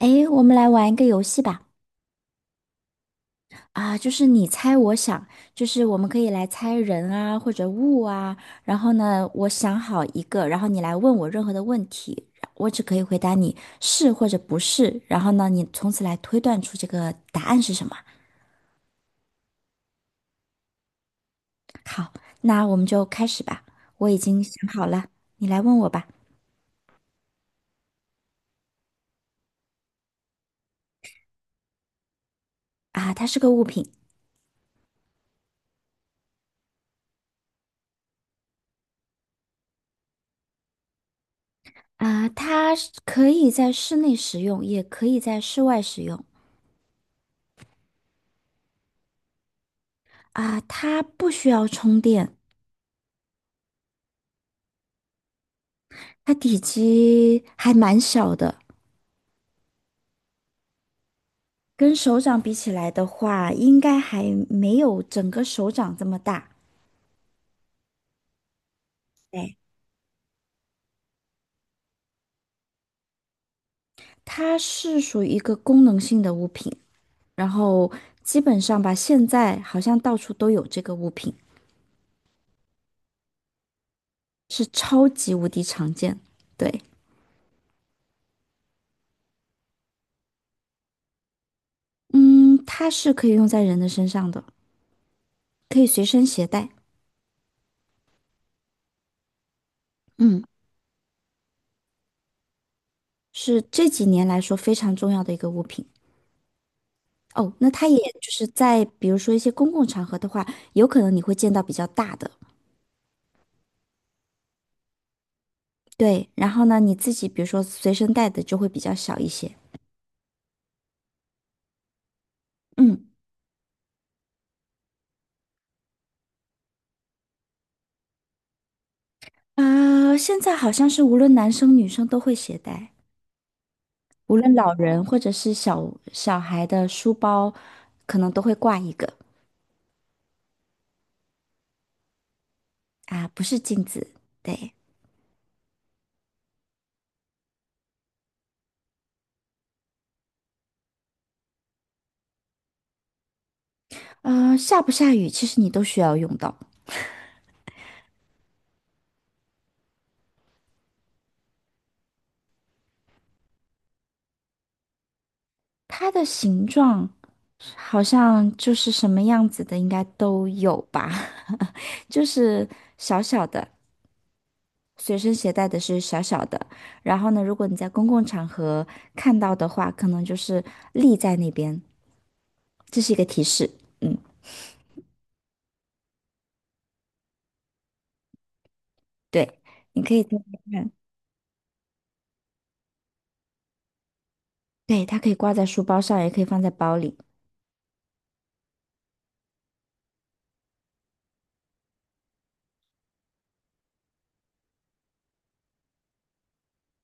诶，我们来玩一个游戏吧。啊，就是你猜我想，就是我们可以来猜人啊，或者物啊。然后呢，我想好一个，然后你来问我任何的问题，我只可以回答你是或者不是。然后呢，你从此来推断出这个答案是什么。好，那我们就开始吧。我已经想好了，你来问我吧。啊，它是个物品。啊，它是可以在室内使用，也可以在室外使用。啊，它不需要充电。它体积还蛮小的，跟手掌比起来的话，应该还没有整个手掌这么大。对，它是属于一个功能性的物品，然后基本上吧，现在好像到处都有这个物品，是超级无敌常见。对，嗯，它是可以用在人的身上的，可以随身携带。嗯，是这几年来说非常重要的一个物品。哦，那它也就是在比如说一些公共场合的话，有可能你会见到比较大的，对。然后呢，你自己比如说随身带的就会比较小一些。嗯，啊、现在好像是无论男生女生都会携带，无论老人或者是小小孩的书包，可能都会挂一个。啊，不是镜子。对，下不下雨，其实你都需要用到。它的形状好像就是什么样子的，应该都有吧。就是小小的，随身携带的是小小的。然后呢，如果你在公共场合看到的话，可能就是立在那边，这是一个提示。嗯，对，你可以听听看。对，它可以挂在书包上，也可以放在包里。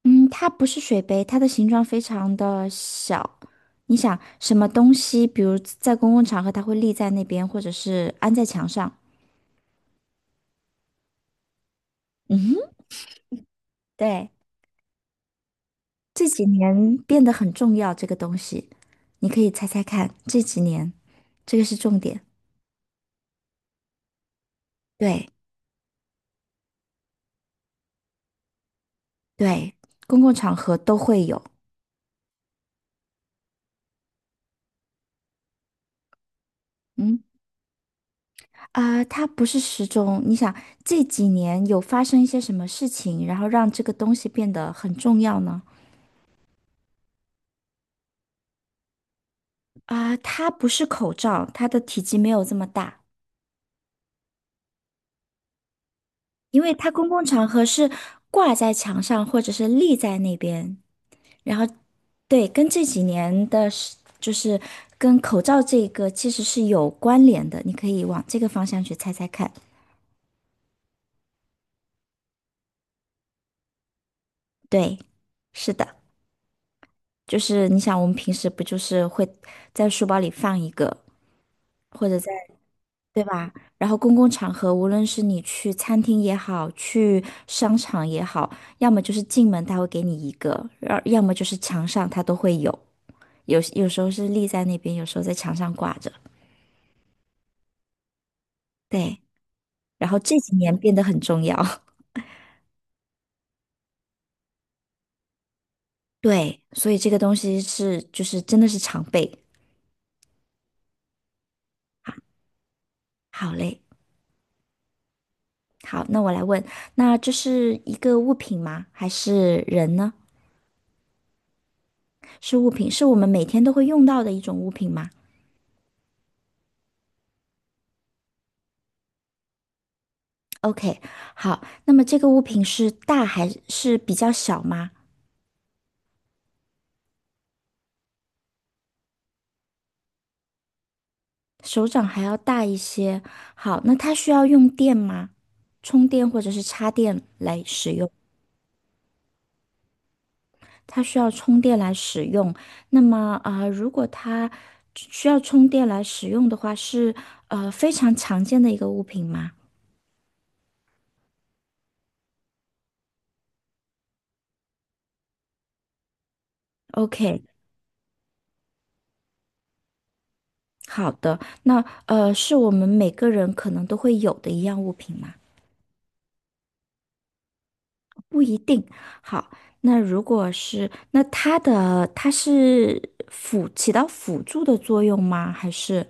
嗯，它不是水杯，它的形状非常的小。你想什么东西，比如在公共场合，它会立在那边，或者是安在墙上。嗯哼。对。这几年变得很重要，这个东西，你可以猜猜看，这几年，这个是重点。对对，公共场合都会有。嗯。啊，它不是时钟。你想这几年有发生一些什么事情，然后让这个东西变得很重要呢？啊，它不是口罩，它的体积没有这么大。因为它公共场合是挂在墙上或者是立在那边，然后对，跟这几年的是，就是跟口罩这个其实是有关联的，你可以往这个方向去猜猜看。对，是的，就是你想，我们平时不就是会在书包里放一个，或者在，然后公共场合，无论是你去餐厅也好，去商场也好，要么就是进门他会给你一个，要么就是墙上它都会有。有时候是立在那边，有时候在墙上挂着。对，然后这几年变得很重要。对，所以这个东西是就是真的是常备。好嘞，好，那我来问，那这是一个物品吗？还是人呢？是物品，是我们每天都会用到的一种物品吗？OK，好，那么这个物品是大还是比较小吗？手掌还要大一些。好，那它需要用电吗？充电或者是插电来使用？它需要充电来使用。那么啊，如果它需要充电来使用的话，是非常常见的一个物品吗？OK，好的。那是我们每个人可能都会有的一样物品吗？不一定。好，那如果是，那它是起到辅助的作用吗？还是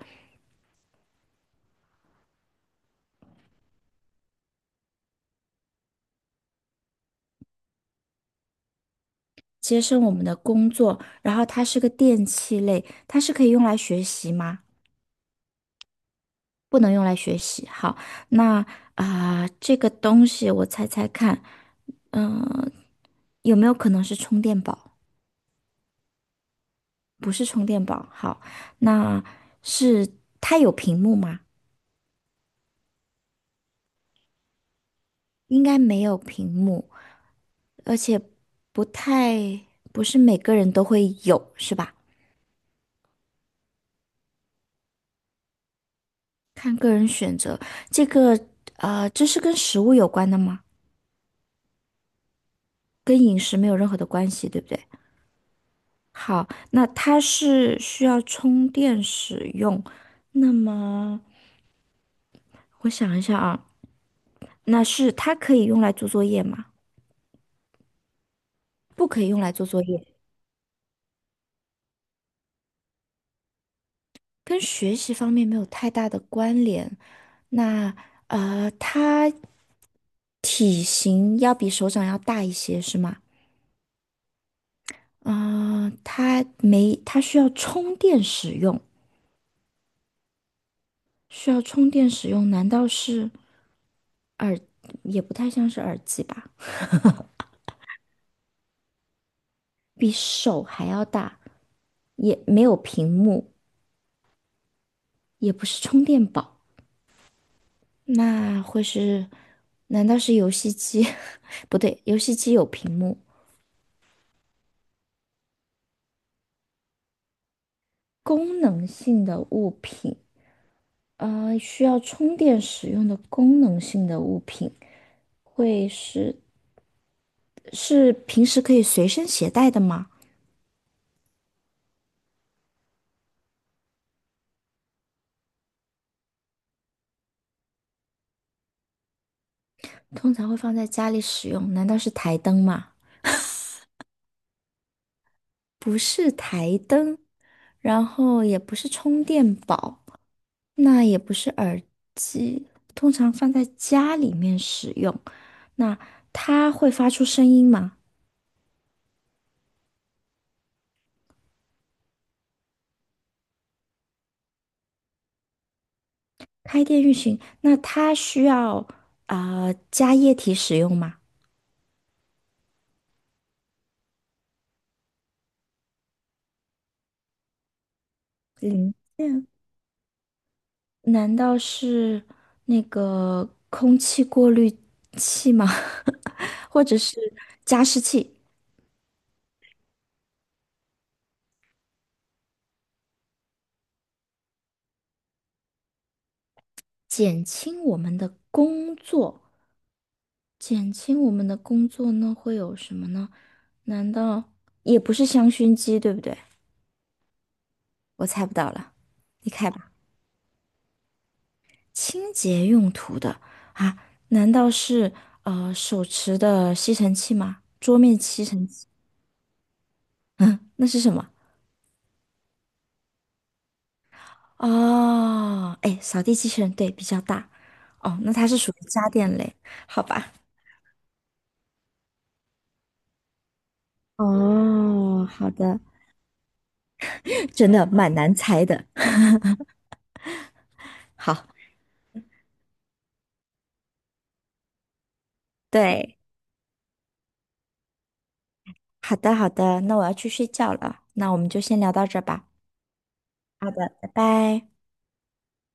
节省我们的工作？然后它是个电器类，它是可以用来学习吗？不能用来学习。好，那啊、这个东西我猜猜看，有没有可能是充电宝？不是充电宝。好，那是它有屏幕吗？应该没有屏幕，而且不太，不是每个人都会有，是吧？看个人选择。这个啊，这是跟食物有关的吗？跟饮食没有任何的关系，对不对？好，那它是需要充电使用，那么。我想一下啊，那是它可以用来做作业吗？不可以用来做作业，跟学习方面没有太大的关联。那它体型要比手掌要大一些，是吗？啊、它没，它需要充电使用，需要充电使用，难道是也不太像是耳机吧？比手还要大，也没有屏幕，也不是充电宝。那会是？难道是游戏机？不对，游戏机有屏幕。功能性的物品，需要充电使用的功能性的物品，会是平时可以随身携带的吗？通常会放在家里使用，难道是台灯吗？不是台灯，然后也不是充电宝，那也不是耳机，通常放在家里面使用。那它会发出声音吗？开店运行，那它需要啊、加液体使用吗？零件难道是那个空气过滤器吗？或者是加湿器？减轻我们的工作，减轻我们的工作呢，会有什么呢？难道也不是香薰机，对不对？我猜不到了，你开吧。清洁用途的啊？难道是手持的吸尘器吗？桌面吸尘器？嗯，那是什么？哦，哎，扫地机器人，对，比较大。哦，那它是属于家电类，好吧？哦，好的，真的蛮难猜的。好，对，好的，好的，那我要去睡觉了，那我们就先聊到这儿吧。好的，拜拜。